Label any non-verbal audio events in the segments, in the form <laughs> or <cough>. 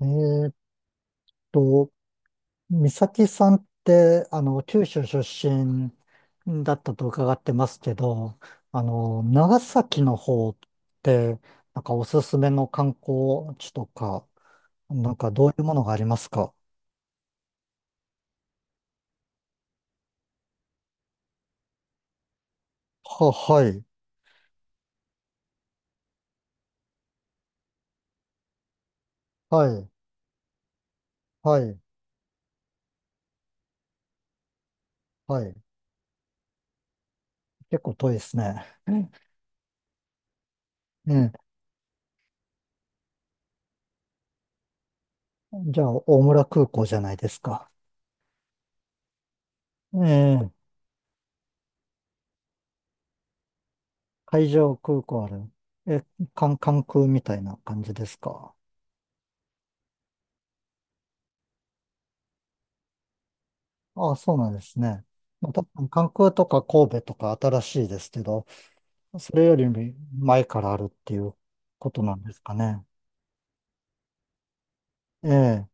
えーっと、美咲さんって、九州出身だったと伺ってますけど、長崎の方って、なんかおすすめの観光地とか、なんかどういうものがありますか？はい、はい、はい、はい。結構遠いですね。ね、じゃあ、大村空港じゃないですか。ええ、海上空港ある。え、関空みたいな感じですか？ああ、そうなんですね。まあ、多分関空とか神戸とか新しいですけど、それより前からあるっていうことなんですかね。ええ、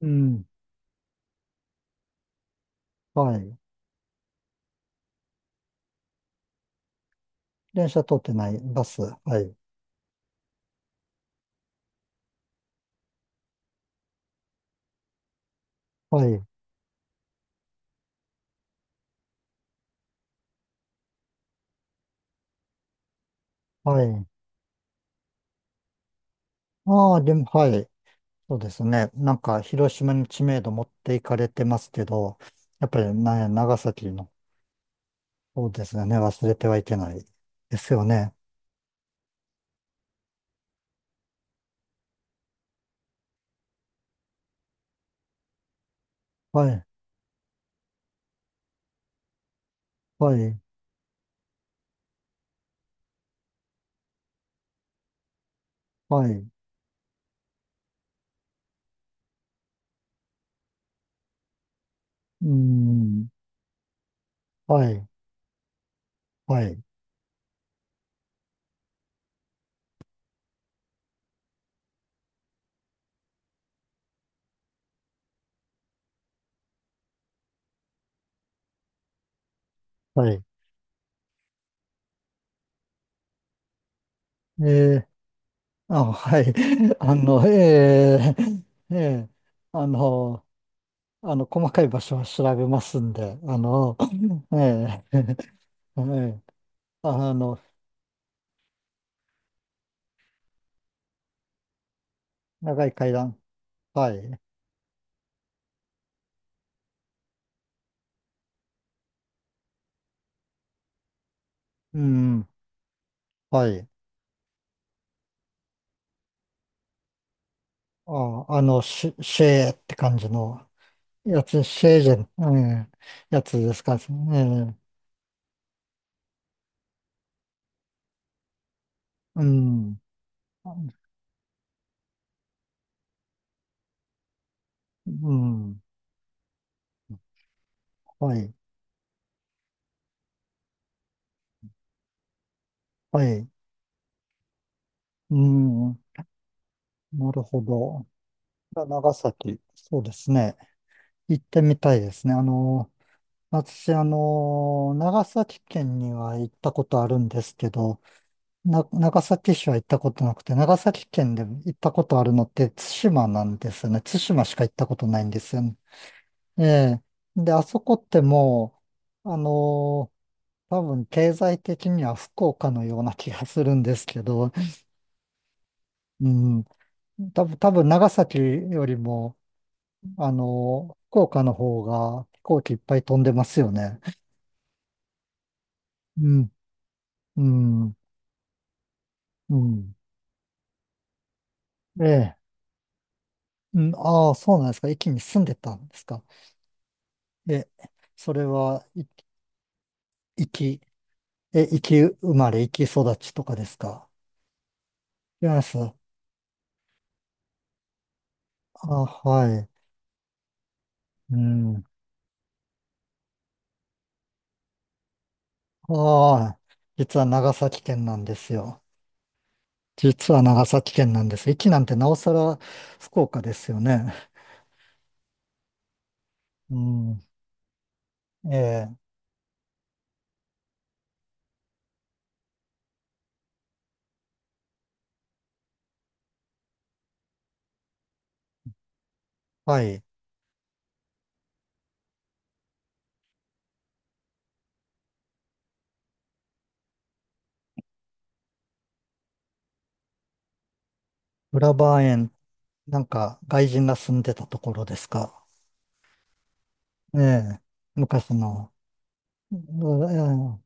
うん、はい。電車通ってない、バス、はい、はい、はい。ああ、でも、はい、そうですね。なんか、広島に知名度持っていかれてますけど、やっぱり、ね、長崎の方ですよね。忘れてはいけないですよね。はい、はい、はい、うん、はい、はい、はい。えーあ、はい。<laughs> ええええあの、細かい場所は調べますんで、<laughs> ええ <laughs> ええあの、長い階段。はい。うん、はい。あ、シェーって感じのやつ、シェージェン、ええやつですか？ええ、うん、うん、はい、はい。うん、なるほど。長崎、そうですね。行ってみたいですね。私、長崎県には行ったことあるんですけど、長崎市は行ったことなくて、長崎県で行ったことあるのって対馬なんですよね。対馬しか行ったことないんですよね。ええ。で、あそこってもう、多分経済的には福岡のような気がするんですけど、うん、多分長崎よりも、福岡の方が飛行機いっぱい飛んでますよね。うんうん、うん。ええ。うん、ああ、そうなんですか？駅に住んでたんですか？え、それは、い、生き、え、生生まれ、生き育ちとかですか？違います。あ、はい。うん。ああ、実は長崎県なんですよ。実は長崎県なんです。駅なんてなおさら福岡ですよね。うん。ええ、はい。浦和園、なんか外人が住んでたところですか？ええ、昔の。うん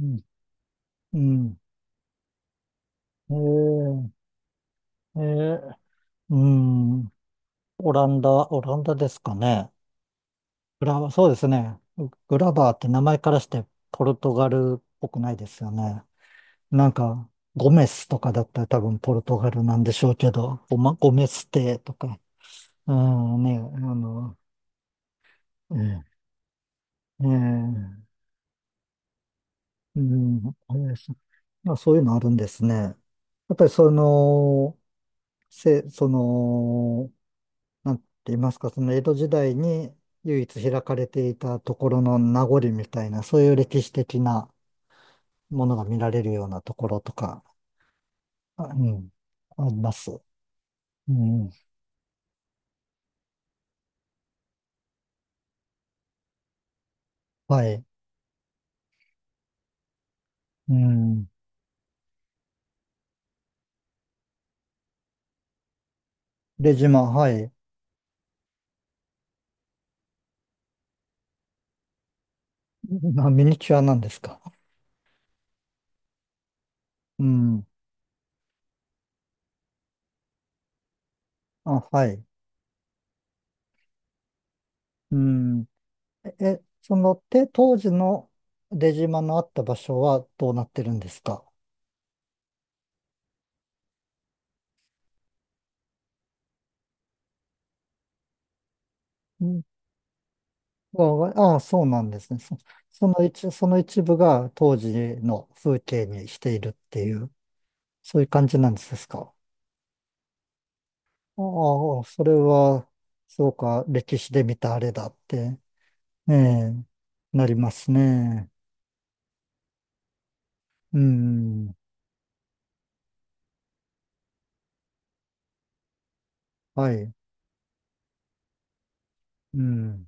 うん。うん、えー、えー、うん。オランダ、オランダですかね。そうですね。グラバーって名前からしてポルトガルっぽくないですよね。なんか、ゴメスとかだったら多分ポルトガルなんでしょうけど、ゴメステとか、うんね、ええ、うん、ええ、そういうのあるんですね。やっぱりその、せ、その、なんて言いますか、その江戸時代に唯一開かれていたところの名残みたいな、そういう歴史的なものが見られるようなところとか、あうん、あります。うん、はい。うん。で、はい。あ、ミニチュアなんですか？うん。あ、はい。うん。え、当時の出島のあった場所はどうなってるんですか？わああ、そうなんですね。そ、その一、その一部が当時の風景にしているっていう、そういう感じなんですか？ああ、それは、そうか、歴史で見たあれだって、ええ、なりますね。うん、はい、うん、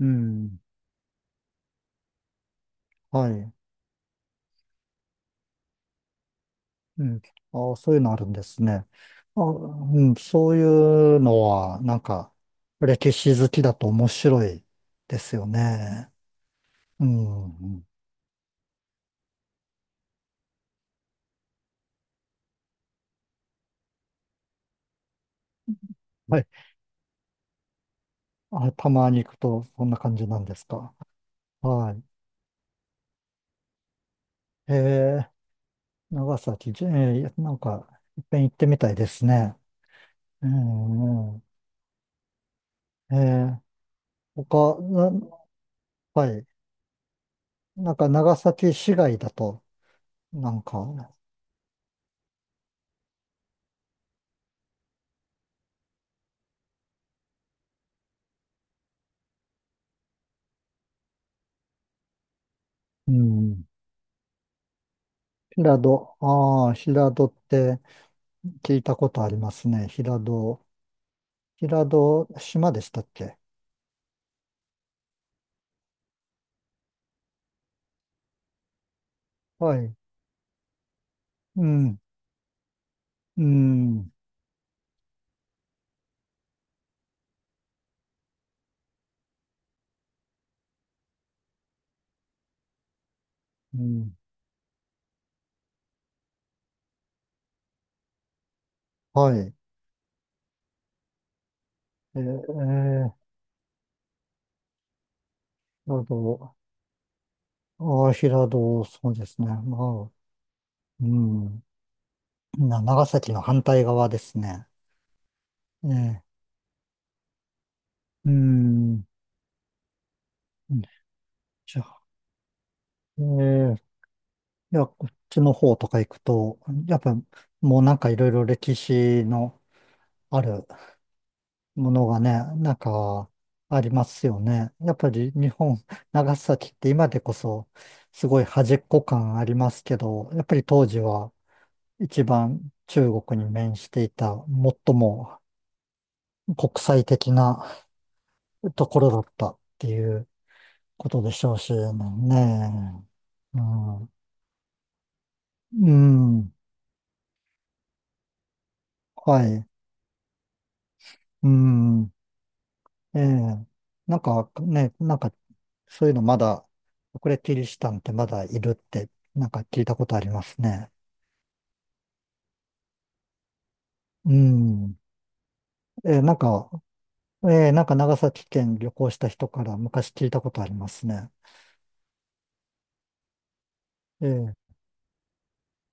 うん、はい、うん。ああ、そういうのあるんですね。あ、うん、そういうのは、なんか、歴史好きだと面白いですよね。うん。はいあ、たまに行くと、そんな感じなんですか？はい。長崎、じえー、なんか、いっぺん行ってみたいですね。うん、うん。他、はい。なんか、長崎市外だと、なんか、うん。平戸、ああ、平戸って聞いたことありますね。平戸、島でしたっけ？はい。うん、うん、うん。はい。えー、えー、なるほど。ああ、平戸、そうですね。まあ、うん。長崎の反対側ですね。ええ、うん。じゃあ、ええ、いや、こっちの方とか行くと、やっぱ、もうなんかいろいろ歴史のあるものがね、なんか、ありますよね。やっぱり日本、長崎って今でこそ、すごい端っこ感ありますけど、やっぱり当時は一番中国に面していた、最も国際的なところだったっていうことでしょうしね。うん。うん。はい。うん。ええ。なんかね、なんか、そういうのまだ、これキリシタンってまだいるって、なんか聞いたことありますね。うん。ええ、なんか、ええ、なんか長崎県旅行した人から昔聞いたことありますね。ええ。